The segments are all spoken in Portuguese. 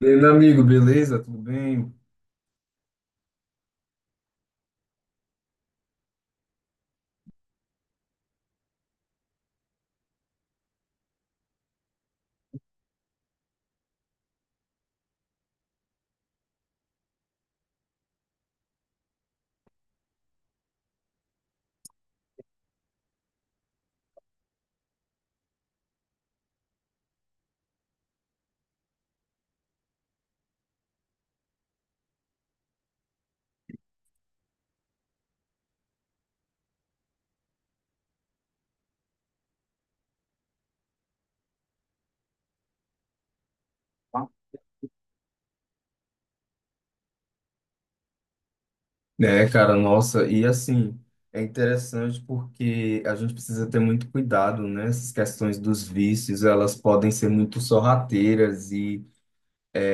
E aí, meu amigo, beleza? Tudo bem? É, cara, nossa, e assim, é interessante porque a gente precisa ter muito cuidado, né? Essas questões dos vícios, elas podem ser muito sorrateiras e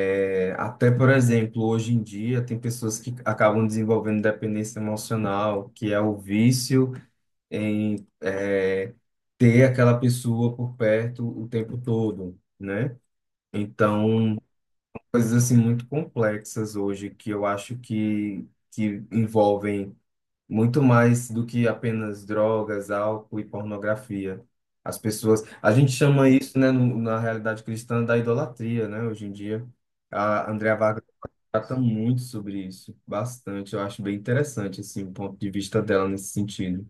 até, por exemplo, hoje em dia tem pessoas que acabam desenvolvendo dependência emocional, que é o vício em ter aquela pessoa por perto o tempo todo, né? Então, coisas assim muito complexas hoje que eu acho que envolvem muito mais do que apenas drogas, álcool e pornografia. As pessoas, a gente chama isso, né, na realidade cristã da idolatria, né, hoje em dia. A Andrea Vargas trata muito sobre isso, bastante. Eu acho bem interessante assim o ponto de vista dela nesse sentido.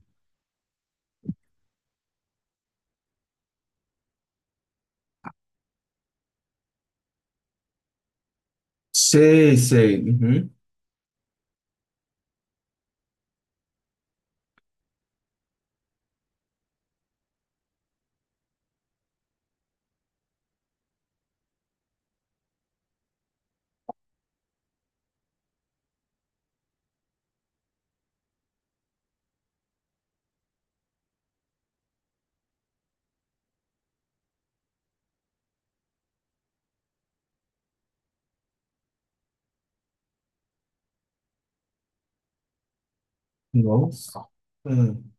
Sei, sei. Uhum. Nossa. Hum.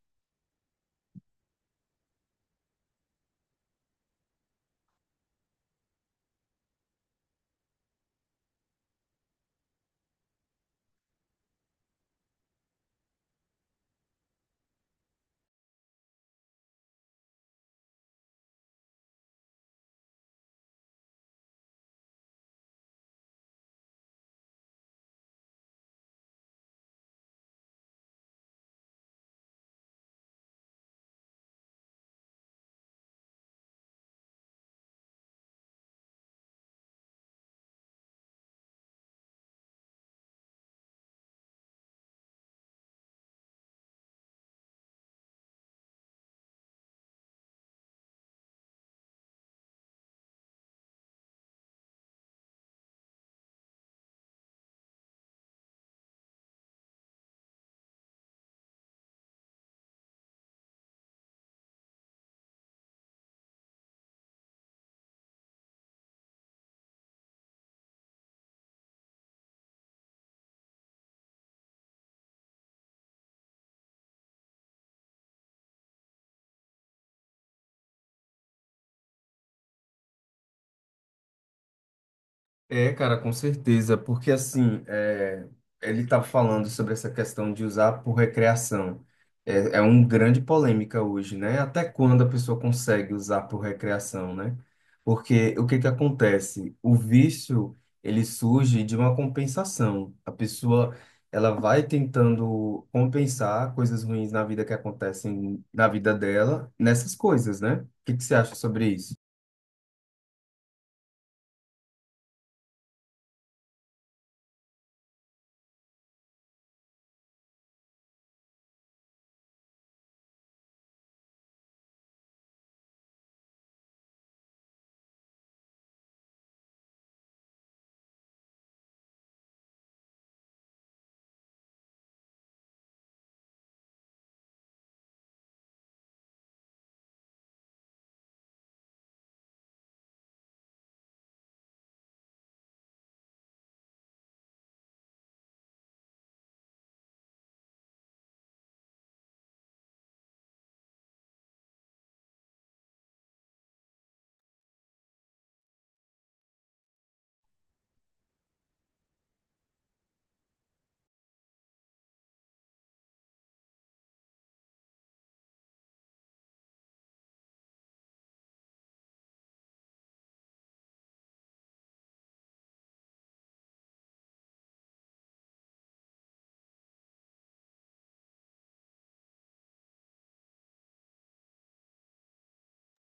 É, cara, com certeza, porque assim, é, ele estava falando sobre essa questão de usar por recreação. É, é uma grande polêmica hoje, né? Até quando a pessoa consegue usar por recreação, né? Porque o que que acontece? O vício, ele surge de uma compensação. A pessoa, ela vai tentando compensar coisas ruins na vida que acontecem na vida dela, nessas coisas, né? O que que você acha sobre isso?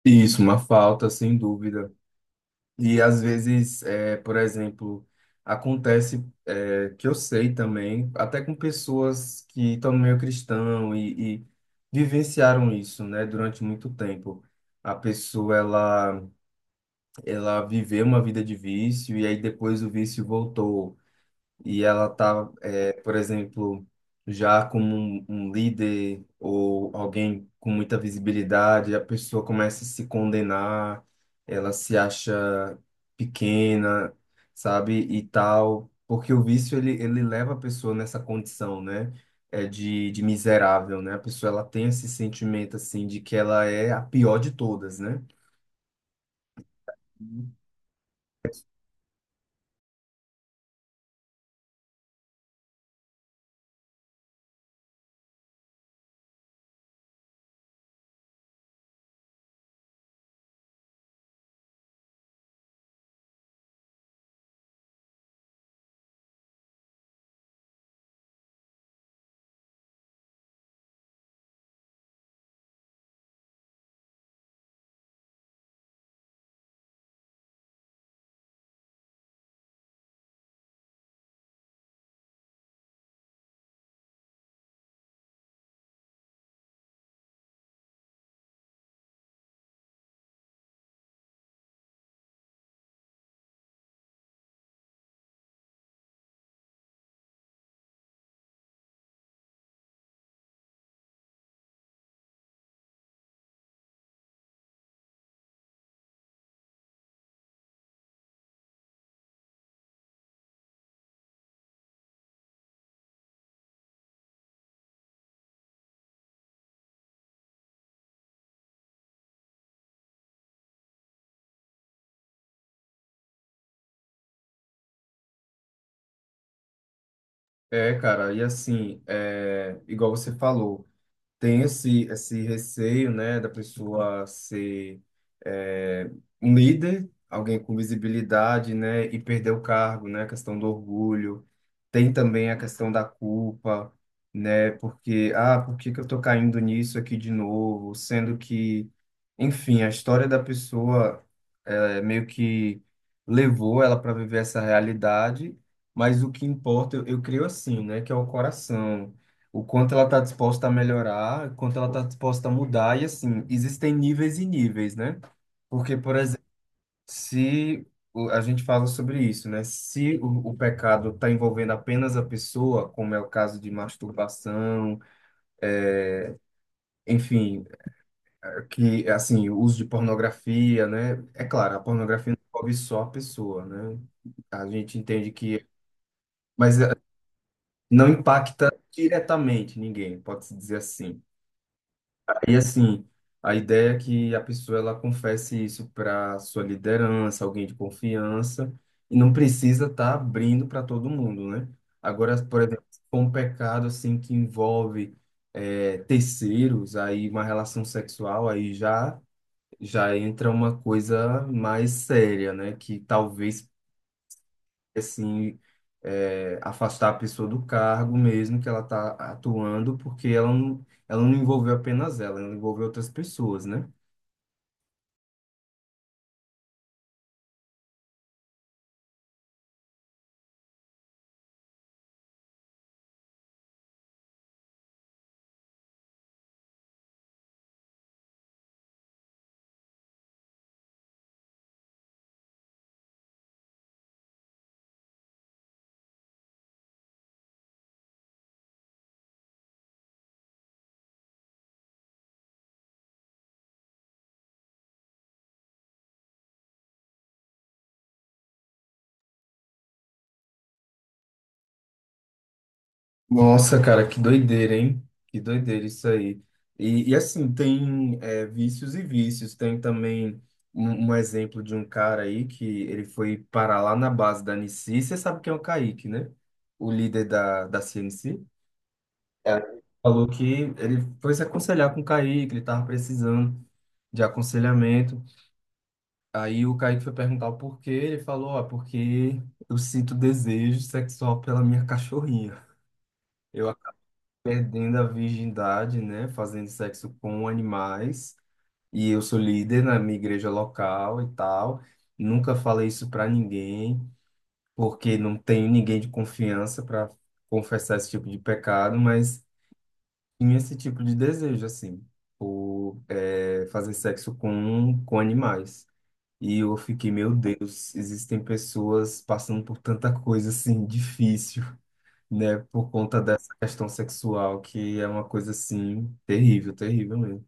Isso, uma falta, sem dúvida. E às vezes, é, por exemplo, acontece é, que eu sei também, até com pessoas que estão no meio cristão e vivenciaram isso, né, durante muito tempo. A pessoa, ela viveu uma vida de vício e aí depois o vício voltou e ela tá, é, por exemplo, já como um líder ou alguém com muita visibilidade, a pessoa começa a se condenar, ela se acha pequena, sabe, e tal, porque o vício ele leva a pessoa nessa condição, né? É de miserável, né? A pessoa ela tem esse sentimento assim de que ela é a pior de todas, né? É, cara, e assim, é, igual você falou. Tem esse receio, né, da pessoa ser é, um líder, alguém com visibilidade, né, e perder o cargo, né, a questão do orgulho. Tem também a questão da culpa, né, porque, ah, por que que eu tô caindo nisso aqui de novo? Sendo que, enfim, a história da pessoa é, meio que levou ela para viver essa realidade, mas o que importa, eu creio assim, né, que é o coração, o quanto ela está disposta a melhorar, o quanto ela está disposta a mudar, e assim, existem níveis e níveis, né? Porque, por exemplo, se a gente fala sobre isso, né? Se o pecado está envolvendo apenas a pessoa, como é o caso de masturbação, enfim, que, assim, o uso de pornografia, né? É claro, a pornografia não envolve só a pessoa, né? A gente entende que, mas não impacta diretamente ninguém, pode-se dizer assim. E assim, a ideia é que a pessoa ela confesse isso para sua liderança, alguém de confiança, e não precisa estar abrindo para todo mundo, né? Agora, por exemplo, se for um pecado assim que envolve terceiros, aí uma relação sexual, aí já entra uma coisa mais séria, né? Que talvez, assim, é, afastar a pessoa do cargo mesmo que ela está atuando, porque ela não envolveu apenas ela, ela envolveu outras pessoas, né? Nossa, cara, que doideira, hein? Que doideira isso aí. E assim, tem é, vícios e vícios. Tem também um exemplo de um cara aí que ele foi parar lá na base da Nici. Você sabe quem é o Kaique, né? O líder da CNC. É, ele falou que ele foi se aconselhar com o Kaique, que ele estava precisando de aconselhamento. Aí o Kaique foi perguntar o porquê, ele falou, ó, porque eu sinto desejo sexual pela minha cachorrinha. Eu acabo perdendo a virgindade, né, fazendo sexo com animais, e eu sou líder na minha igreja local e tal. Nunca falei isso para ninguém, porque não tenho ninguém de confiança para confessar esse tipo de pecado, mas tinha esse tipo de desejo, assim, por é, fazer sexo com animais. E eu fiquei, meu Deus, existem pessoas passando por tanta coisa, assim, difícil, né, por conta dessa questão sexual, que é uma coisa, assim, terrível, terrível mesmo.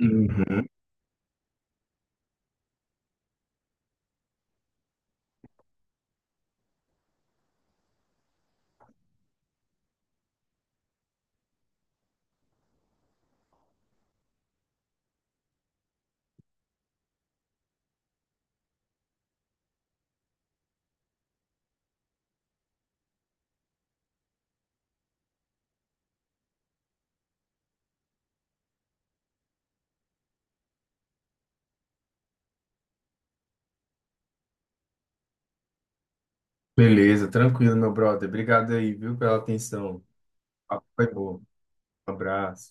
Uhum. Beleza, tranquilo, meu brother. Obrigado aí, viu, pela atenção. O papo foi bom. Um abraço.